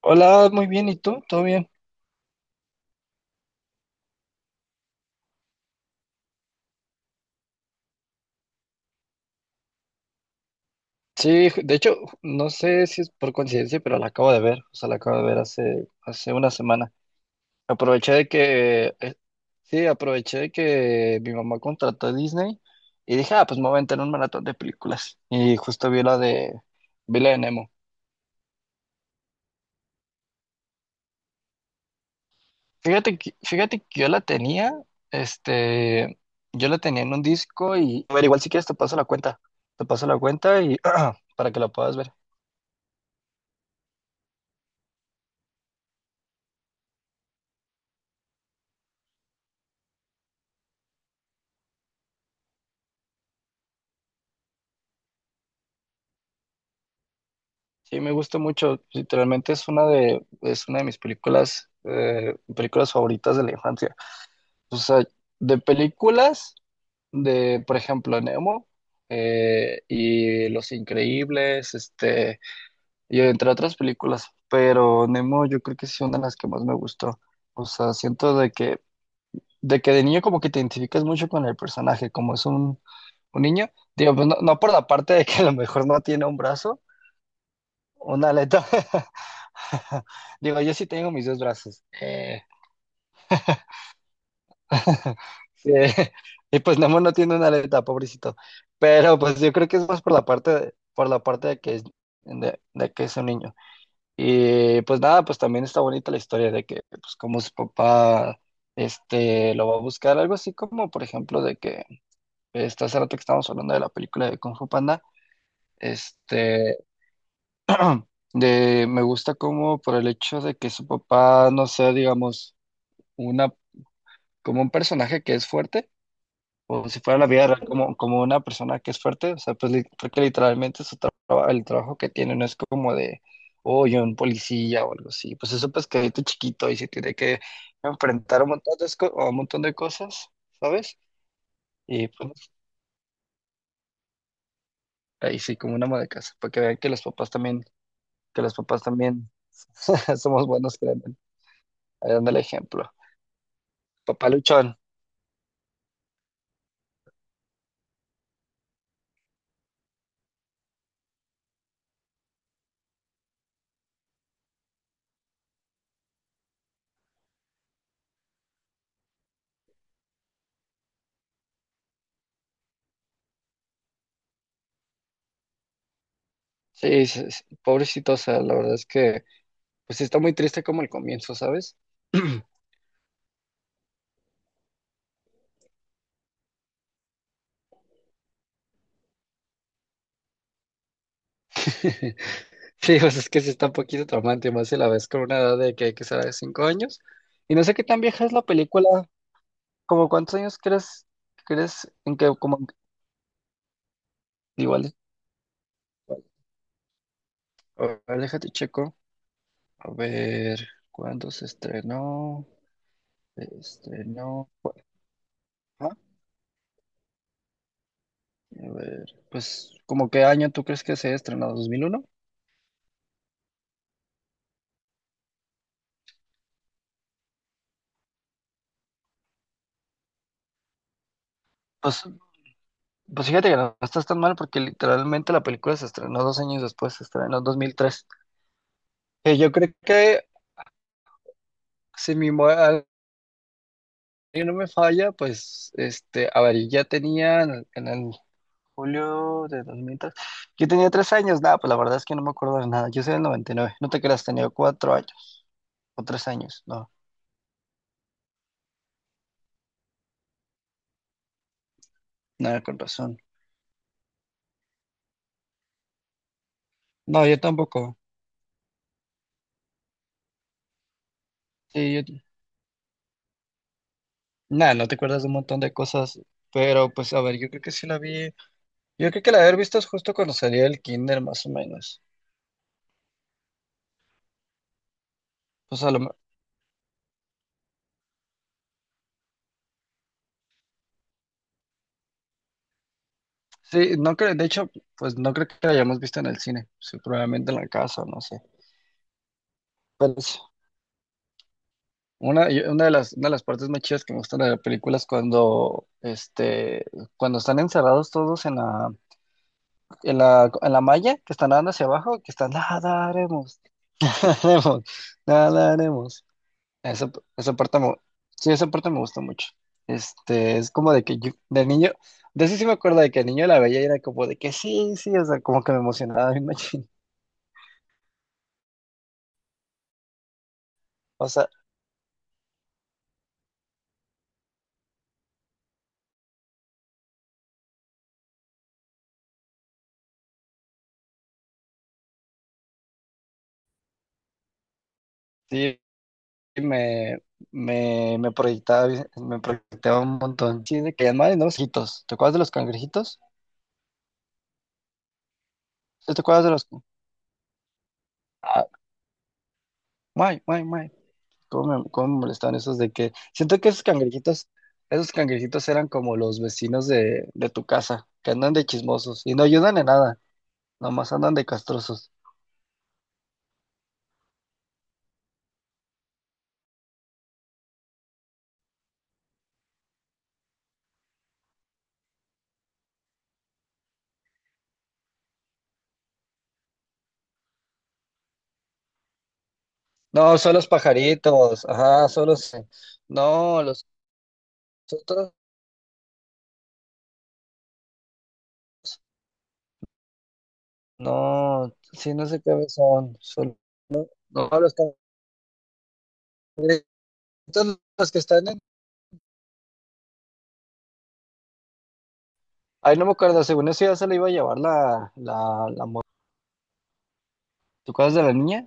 Hola, muy bien, ¿y tú? ¿Todo bien? Sí, de hecho, no sé si es por coincidencia, pero la acabo de ver, o sea, la acabo de ver hace una semana. Aproveché de que, sí, aproveché de que mi mamá contrató a Disney y dije, ah, pues me voy a entrar un maratón de películas. Y justo vi la de Nemo. Fíjate que yo la tenía, este, yo la tenía en un disco y, a ver, igual si quieres te paso la cuenta y para que la puedas ver. Sí, me gusta mucho. Literalmente es una de mis películas favoritas de la infancia. O sea, de películas de, por ejemplo, Nemo, y Los Increíbles, y entre otras películas. Pero Nemo yo creo que sí es una de las que más me gustó. O sea, siento de que de niño como que te identificas mucho con el personaje, como es un niño. Digo, pues no, no por la parte de que a lo mejor no tiene un brazo. Una aleta. Digo, yo sí tengo mis dos brazos. Sí, y pues Nemo no tiene una aleta, pobrecito. Pero pues yo creo que es más por la parte de que es un niño. Y pues nada, pues también está bonita la historia de que pues como su papá lo va a buscar, algo así como por ejemplo de que hace rato que estábamos hablando de la película de Kung Fu Panda. Este, Me gusta como por el hecho de que su papá no sea, digamos, una, como un personaje que es fuerte, o si fuera la vida real, como una persona que es fuerte, o sea, pues porque literalmente el trabajo que tiene no es como de, oh, yo un policía o algo así, pues eso pues que chiquito y se tiene que enfrentar a un montón de cosas, ¿sabes? Y pues ahí sí, como una ama de casa, porque vean que los papás también somos buenos, créanme, ahí dan el ejemplo. Papaluchón. Sí, pobrecito, o sea, la verdad es que, pues está muy triste como el comienzo, ¿sabes? Sí, pues es que sí está un poquito traumante, más si la ves con una edad de que hay que ser de 5 años. Y no sé qué tan vieja es la película, como cuántos años crees en que, como, igual, a ver, déjate checo, a ver, ¿cuándo se estrenó? Se estrenó, ah? A ver, pues, ¿como qué año tú crees que se estrenó? ¿2001? Pues Pues fíjate que no estás tan mal porque literalmente la película se estrenó 2 años después, se estrenó en 2003. Yo creo que si mi memoria no me falla, pues a ver, ya tenía en el julio de 2003. Yo tenía 3 años, nada, pues la verdad es que no me acuerdo de nada, yo soy del 99. No te creas, tenía 4 años o 3 años, no, nada, con razón. No, yo tampoco. Sí, nada, no te acuerdas de un montón de cosas, pero pues a ver, yo creo que sí la vi, yo creo que la haber visto es justo cuando salía el kinder más o menos. O sea, sí, no creo, de hecho, pues no creo que la hayamos visto en el cine, sí, probablemente en la casa, no sé. Pero es una de las partes más chidas que me gustan de la película es cuando están encerrados todos en la malla, que están nadando hacia abajo, que están, nada haremos, nadaremos, nadaremos". Esa, esa parte sí, esa parte me gusta mucho. Es como de que yo, de niño, de eso sí me acuerdo de que el niño la veía y era como de que sí, sí, o sea, como que me emocionaba bien machín. O sea, sí, me, me proyectaba un montón. Sí, de que además no los hitos. ¿Te acuerdas de los cangrejitos? ¿Sí? ¿Te acuerdas de los? Ah, guay, guay, guay. ¿Cómo me molestaban esos de que siento que esos cangrejitos eran como los vecinos de tu casa, que andan de chismosos y no ayudan en nada, nomás andan de castrosos. No, son los pajaritos, ajá, son los, no, los otros, no, sí, no sé qué son, no, los cangrejitos, todos los que están en. Ay, no me acuerdo, según eso ya se le iba a llevar la. ¿Tú acuerdas de la niña?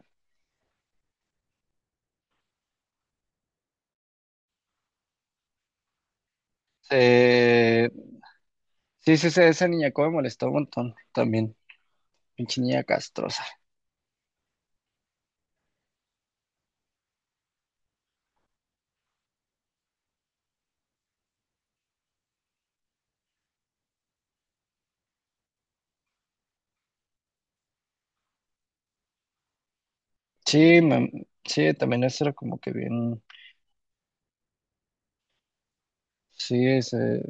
Eh, sí, sí, sí, esa niña como me molestó un montón también. Pinche niña castrosa. Sí, sí, también eso era como que bien. Sí, ese,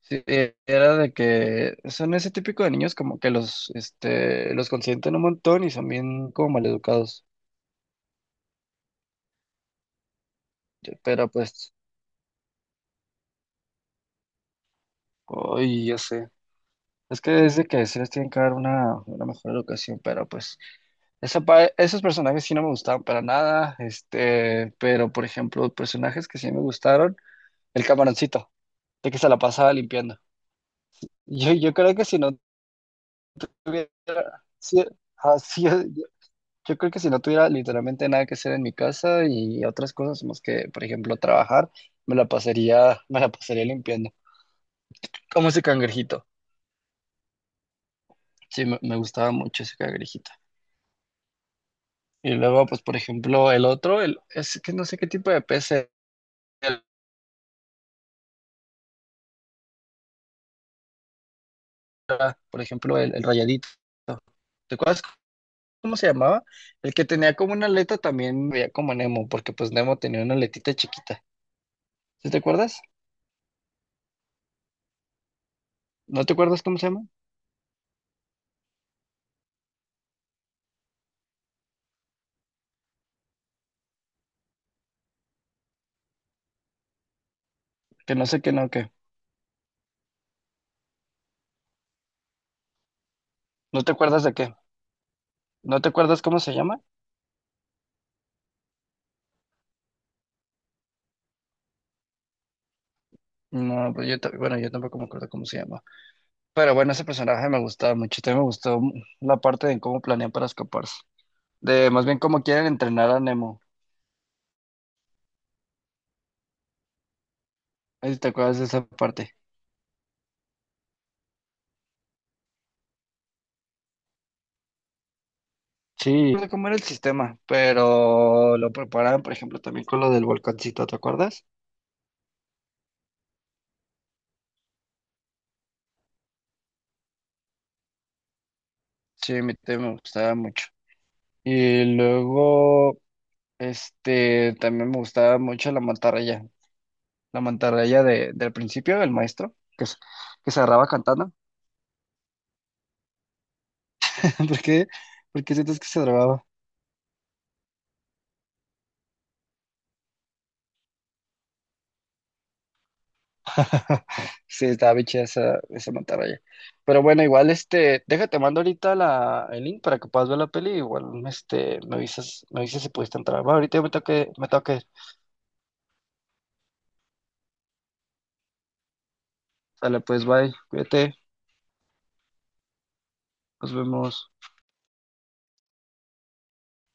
sí, era de que son ese típico de niños como que los consienten un montón y son bien como maleducados. Pero pues, hoy ya sé. Es que desde que se les tienen que dar una mejor educación, pero pues esos personajes sí no me gustaban para nada, pero por ejemplo, personajes que sí me gustaron, el camaroncito, de que se la pasaba limpiando. Yo creo que si no tuviera, si- sí, yo creo que si no tuviera literalmente nada que hacer en mi casa y otras cosas más que, por ejemplo, trabajar, me la pasaría limpiando. Como ese cangrejito. Sí, me gustaba mucho ese cangrejito. Y luego, pues, por ejemplo, el otro, el, es que no sé qué tipo de pez era, por ejemplo, el, rayadito. ¿Te acuerdas cómo se llamaba? El que tenía como una aleta también veía como Nemo, porque pues Nemo tenía una aletita chiquita. ¿Sí te acuerdas? ¿No te acuerdas cómo se llama? Que no sé qué. ¿No te acuerdas de qué? ¿No te acuerdas cómo se llama? No, pues yo, bueno, yo tampoco me acuerdo cómo se llama. Pero bueno, ese personaje me gustaba mucho. También me gustó la parte de cómo planean para escaparse. De más bien cómo quieren entrenar a Nemo. Ahí ¿Te acuerdas de esa parte? Sí, no sé cómo era el sistema, pero lo preparaban, por ejemplo, también con lo del volcancito, ¿te acuerdas? Sí, a mí también me gustaba mucho. Y luego, también me gustaba mucho la mantarraya, del principio, el maestro, que se grababa cantando. ¿Por qué? ¿Por qué sientes que se grababa? Sí, estaba bicha esa mantarraya. Pero bueno, igual déjate, mando ahorita el link para que puedas ver la peli. Igual me avisas si pudiste entrar. Va, ahorita yo me tengo que ir. Sale, pues bye, cuídate, nos vemos.